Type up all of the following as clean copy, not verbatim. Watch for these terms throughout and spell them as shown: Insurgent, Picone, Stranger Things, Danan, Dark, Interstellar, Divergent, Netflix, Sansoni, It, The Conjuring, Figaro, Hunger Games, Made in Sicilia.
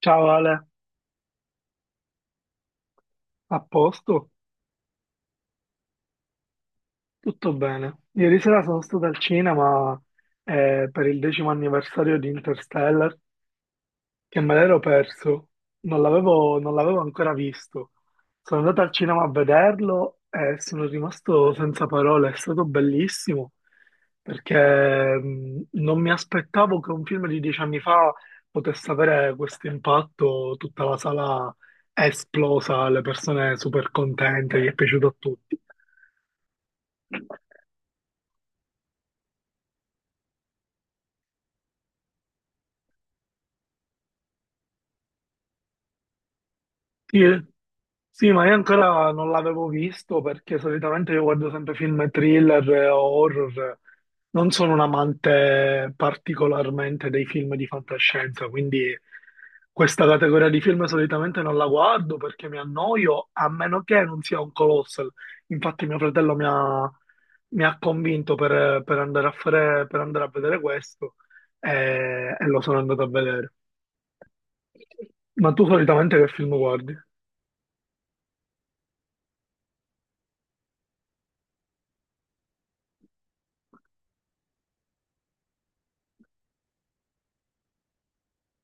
Ciao Ale, a posto? Tutto bene. Ieri sera sono stato al cinema per il decimo anniversario di Interstellar che me l'ero perso, non l'avevo ancora visto. Sono andato al cinema a vederlo e sono rimasto senza parole, è stato bellissimo perché non mi aspettavo che un film di 10 anni fa potesse avere questo impatto, tutta la sala è esplosa, le persone super contente, gli è piaciuto a tutti. Sì, sì, ma io ancora non l'avevo visto perché solitamente io guardo sempre film thriller e horror. Non sono un amante particolarmente dei film di fantascienza, quindi questa categoria di film solitamente non la guardo perché mi annoio, a meno che non sia un colossal. Infatti mio fratello mi ha convinto per andare a vedere questo e lo sono andato a vedere. Ma tu solitamente che film guardi?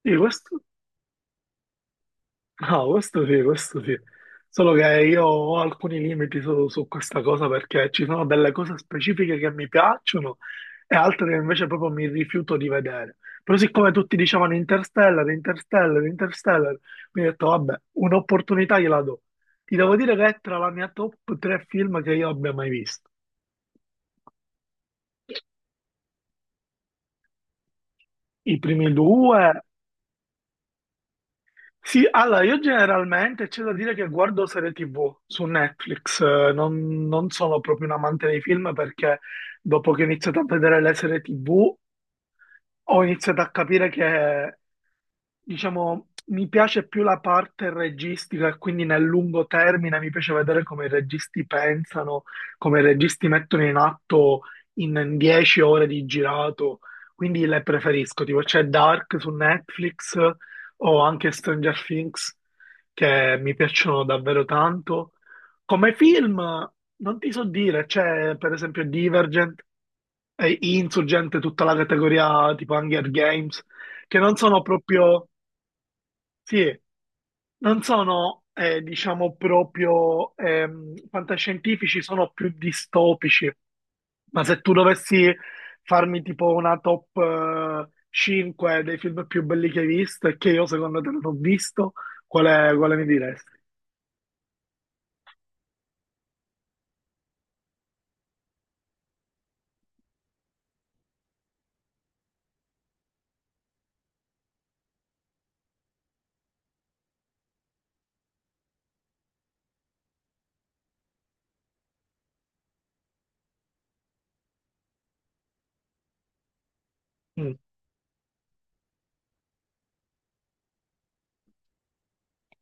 Sì, questo? No, questo sì, questo sì. Solo che io ho alcuni limiti su questa cosa perché ci sono delle cose specifiche che mi piacciono e altre che invece proprio mi rifiuto di vedere. Però siccome tutti dicevano Interstellar, Interstellar, Interstellar, mi ho detto, vabbè, un'opportunità gliela do. Ti devo dire che è tra la mia top 3 film che io abbia mai visto. I primi due. Sì, allora io generalmente c'è da dire che guardo serie TV su Netflix, non sono proprio un amante dei film perché dopo che ho iniziato a vedere le serie TV ho iniziato a capire che diciamo, mi piace più la parte registica e quindi nel lungo termine mi piace vedere come i registi pensano, come i registi mettono in atto in 10 ore di girato, quindi le preferisco, tipo c'è Dark su Netflix o anche Stranger Things che mi piacciono davvero tanto. Come film non ti so dire, c'è per esempio Divergent e Insurgent, tutta la categoria tipo Hunger Games, che non sono proprio. Sì, non sono, diciamo, proprio fantascientifici, sono più distopici. Ma se tu dovessi farmi tipo una top 5 dei film più belli che hai visto e che io secondo te non ho visto, quale mi diresti? Mm.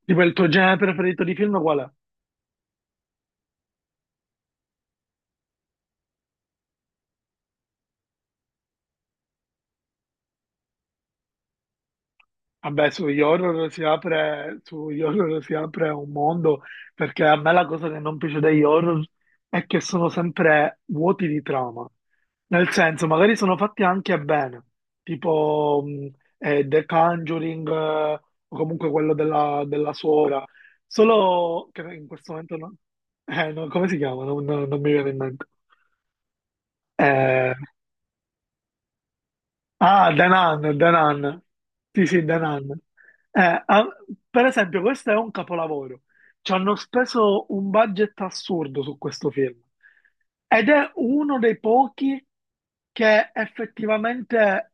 Tipo il tuo genere preferito di film qual è? Vabbè, sugli horror si apre, sugli horror si apre un mondo, perché a me la cosa che non piace degli horror è che sono sempre vuoti di trama. Nel senso, magari sono fatti anche bene, tipo The Conjuring, o comunque quello della suora, solo che in questo momento no, come si chiama? Non mi viene in mente. Eh, Danan, Danan. Sì, sì, Danan. Eh, ah, per esempio, questo è un capolavoro. Ci hanno speso un budget assurdo su questo film. Ed è uno dei pochi che effettivamente,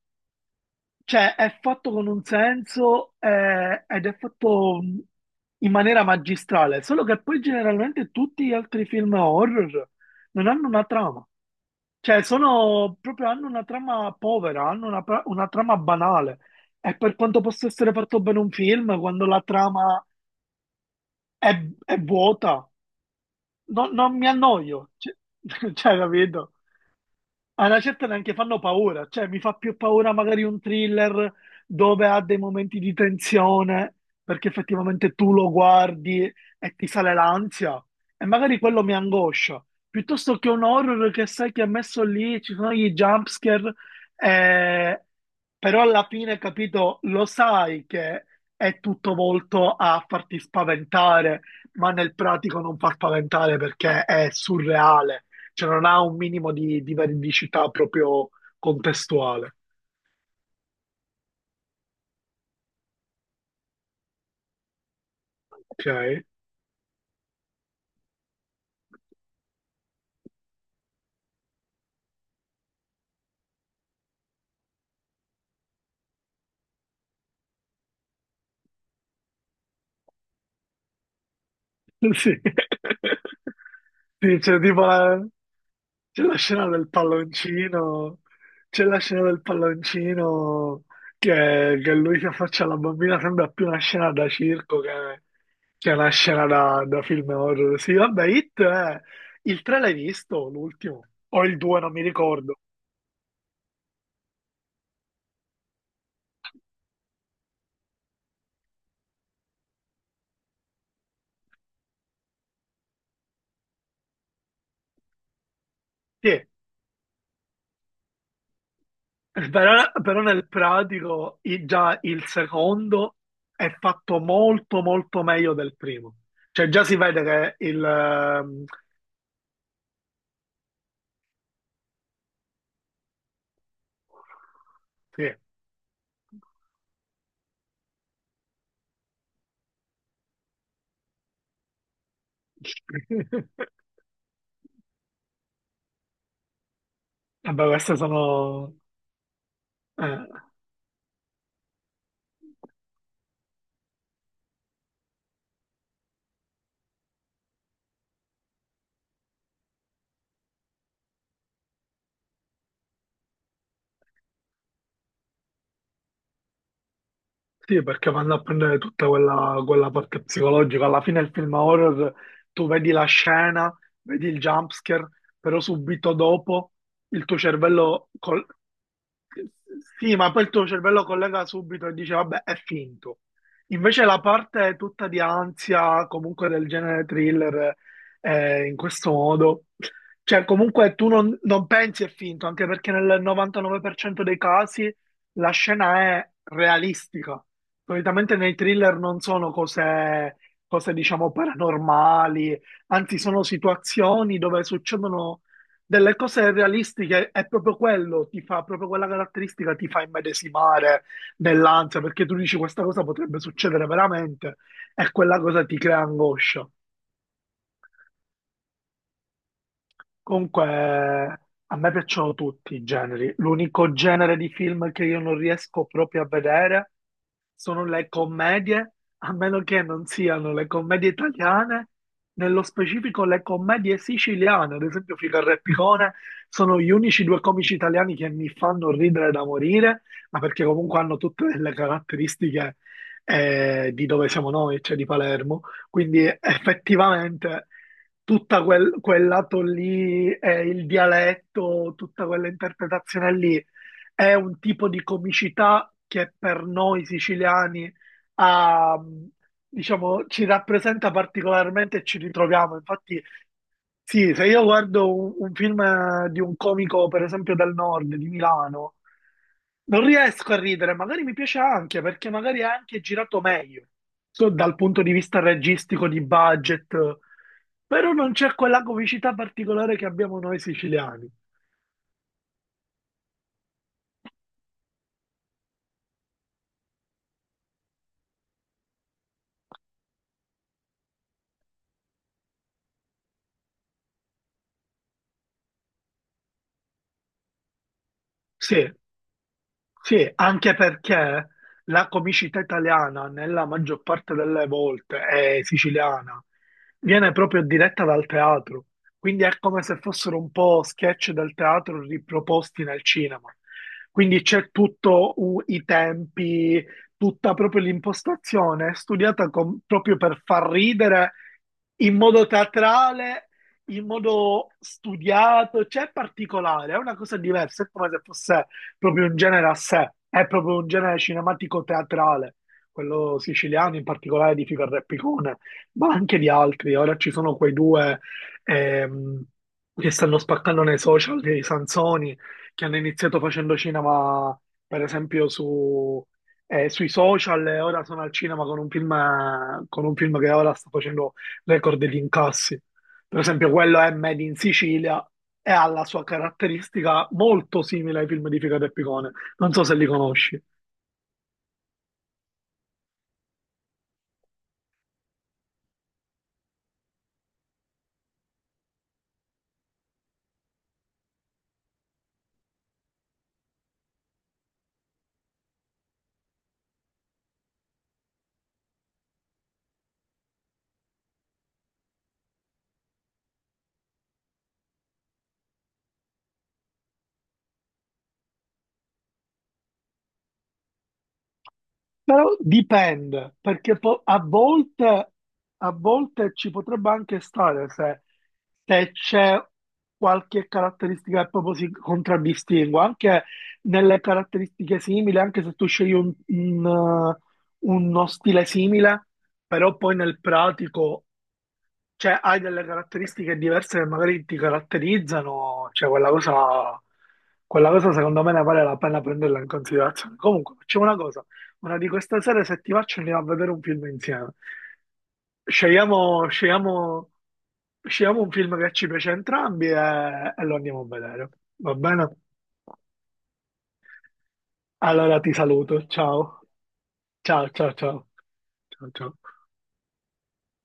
cioè, è fatto con un senso ed è fatto in maniera magistrale. Solo che poi generalmente tutti gli altri film horror non hanno una trama. Cioè, sono proprio, hanno una trama povera, hanno una trama banale. E per quanto possa essere fatto bene un film, quando la trama è vuota, non mi annoio. Cioè, cioè, capito? A una certa neanche fanno paura, cioè mi fa più paura magari un thriller dove ha dei momenti di tensione perché effettivamente tu lo guardi e ti sale l'ansia e magari quello mi angoscia, piuttosto che un horror che sai che è messo lì, ci sono gli jumpscare, eh, però alla fine, capito, lo sai che è tutto volto a farti spaventare, ma nel pratico non fa spaventare perché è surreale, cioè non ha un minimo di veridicità proprio contestuale, ok? Sì. Sì, c'è tipo la, c'è la scena del palloncino, c'è la scena del palloncino che lui si affaccia alla bambina, sembra più una scena da circo che una scena da film horror. Sì, vabbè, It è... Il 3 l'hai visto, l'ultimo? O il 2, non mi ricordo. Sì, però nel pratico già il secondo è fatto molto molto meglio del primo. Cioè già si vede che il... sì. Vabbè, queste sono... eh, sì, perché vanno a prendere tutta quella parte psicologica. Alla fine il film horror, tu vedi la scena, vedi il jumpscare, però subito dopo il tuo cervello. Sì, ma poi il tuo cervello collega subito e dice, vabbè, è finto. Invece la parte tutta di ansia, comunque del genere thriller, in questo modo, cioè comunque tu non pensi è finto, anche perché nel 99% dei casi la scena è realistica. Solitamente nei thriller non sono cose diciamo, paranormali, anzi sono situazioni dove succedono delle cose realistiche, è proprio quello, ti fa proprio quella caratteristica, ti fa immedesimare nell'ansia, perché tu dici questa cosa potrebbe succedere veramente e quella cosa ti crea angoscia. Comunque, a me piacciono tutti i generi. L'unico genere di film che io non riesco proprio a vedere sono le commedie, a meno che non siano le commedie italiane, nello specifico le commedie siciliane, ad esempio Figaro e Picone, sono gli unici due comici italiani che mi fanno ridere da morire, ma perché comunque hanno tutte le caratteristiche di dove siamo noi, cioè di Palermo. Quindi effettivamente tutta quel lato lì, il dialetto, tutta quella interpretazione lì, è un tipo di comicità che per noi siciliani ha, diciamo, ci rappresenta particolarmente e ci ritroviamo. Infatti sì, se io guardo un film di un comico, per esempio del nord, di Milano, non riesco a ridere, magari mi piace anche perché magari è anche girato meglio, so, dal punto di vista registico, di budget, però non c'è quella comicità particolare che abbiamo noi siciliani. Sì. Sì, anche perché la comicità italiana, nella maggior parte delle volte, è siciliana, viene proprio diretta dal teatro, quindi è come se fossero un po' sketch del teatro riproposti nel cinema. Quindi c'è tutto i tempi, tutta proprio l'impostazione è studiata proprio per far ridere in modo teatrale, in modo studiato, cioè è particolare, è una cosa diversa, è come se fosse proprio un genere a sé, è proprio un genere cinematico-teatrale, quello siciliano, in particolare di Fico e Repicone, ma anche di altri. Ora ci sono quei due ehm, che stanno spaccando nei social, dei Sansoni, che hanno iniziato facendo cinema, per esempio, su, sui social, e ora sono al cinema con un film, che ora sta facendo record di incassi. Per esempio, quello è Made in Sicilia e ha la sua caratteristica molto simile ai film di Figaro e Picone. Non so se li conosci, però dipende, perché a volte, ci potrebbe anche stare se, c'è qualche caratteristica che proprio si contraddistingua, anche nelle caratteristiche simili, anche se tu scegli eh, uno stile simile, però poi nel pratico, cioè, hai delle caratteristiche diverse che magari ti caratterizzano, cioè quella cosa secondo me ne vale la pena prenderla in considerazione. Comunque, facciamo una cosa, una di queste sere se ti faccio andiamo a vedere un film insieme. Scegliamo, scegliamo, scegliamo un film che ci piace a entrambi e lo andiamo a vedere, va bene? Allora ti saluto, ciao, ciao, ciao, ciao, ciao, ciao.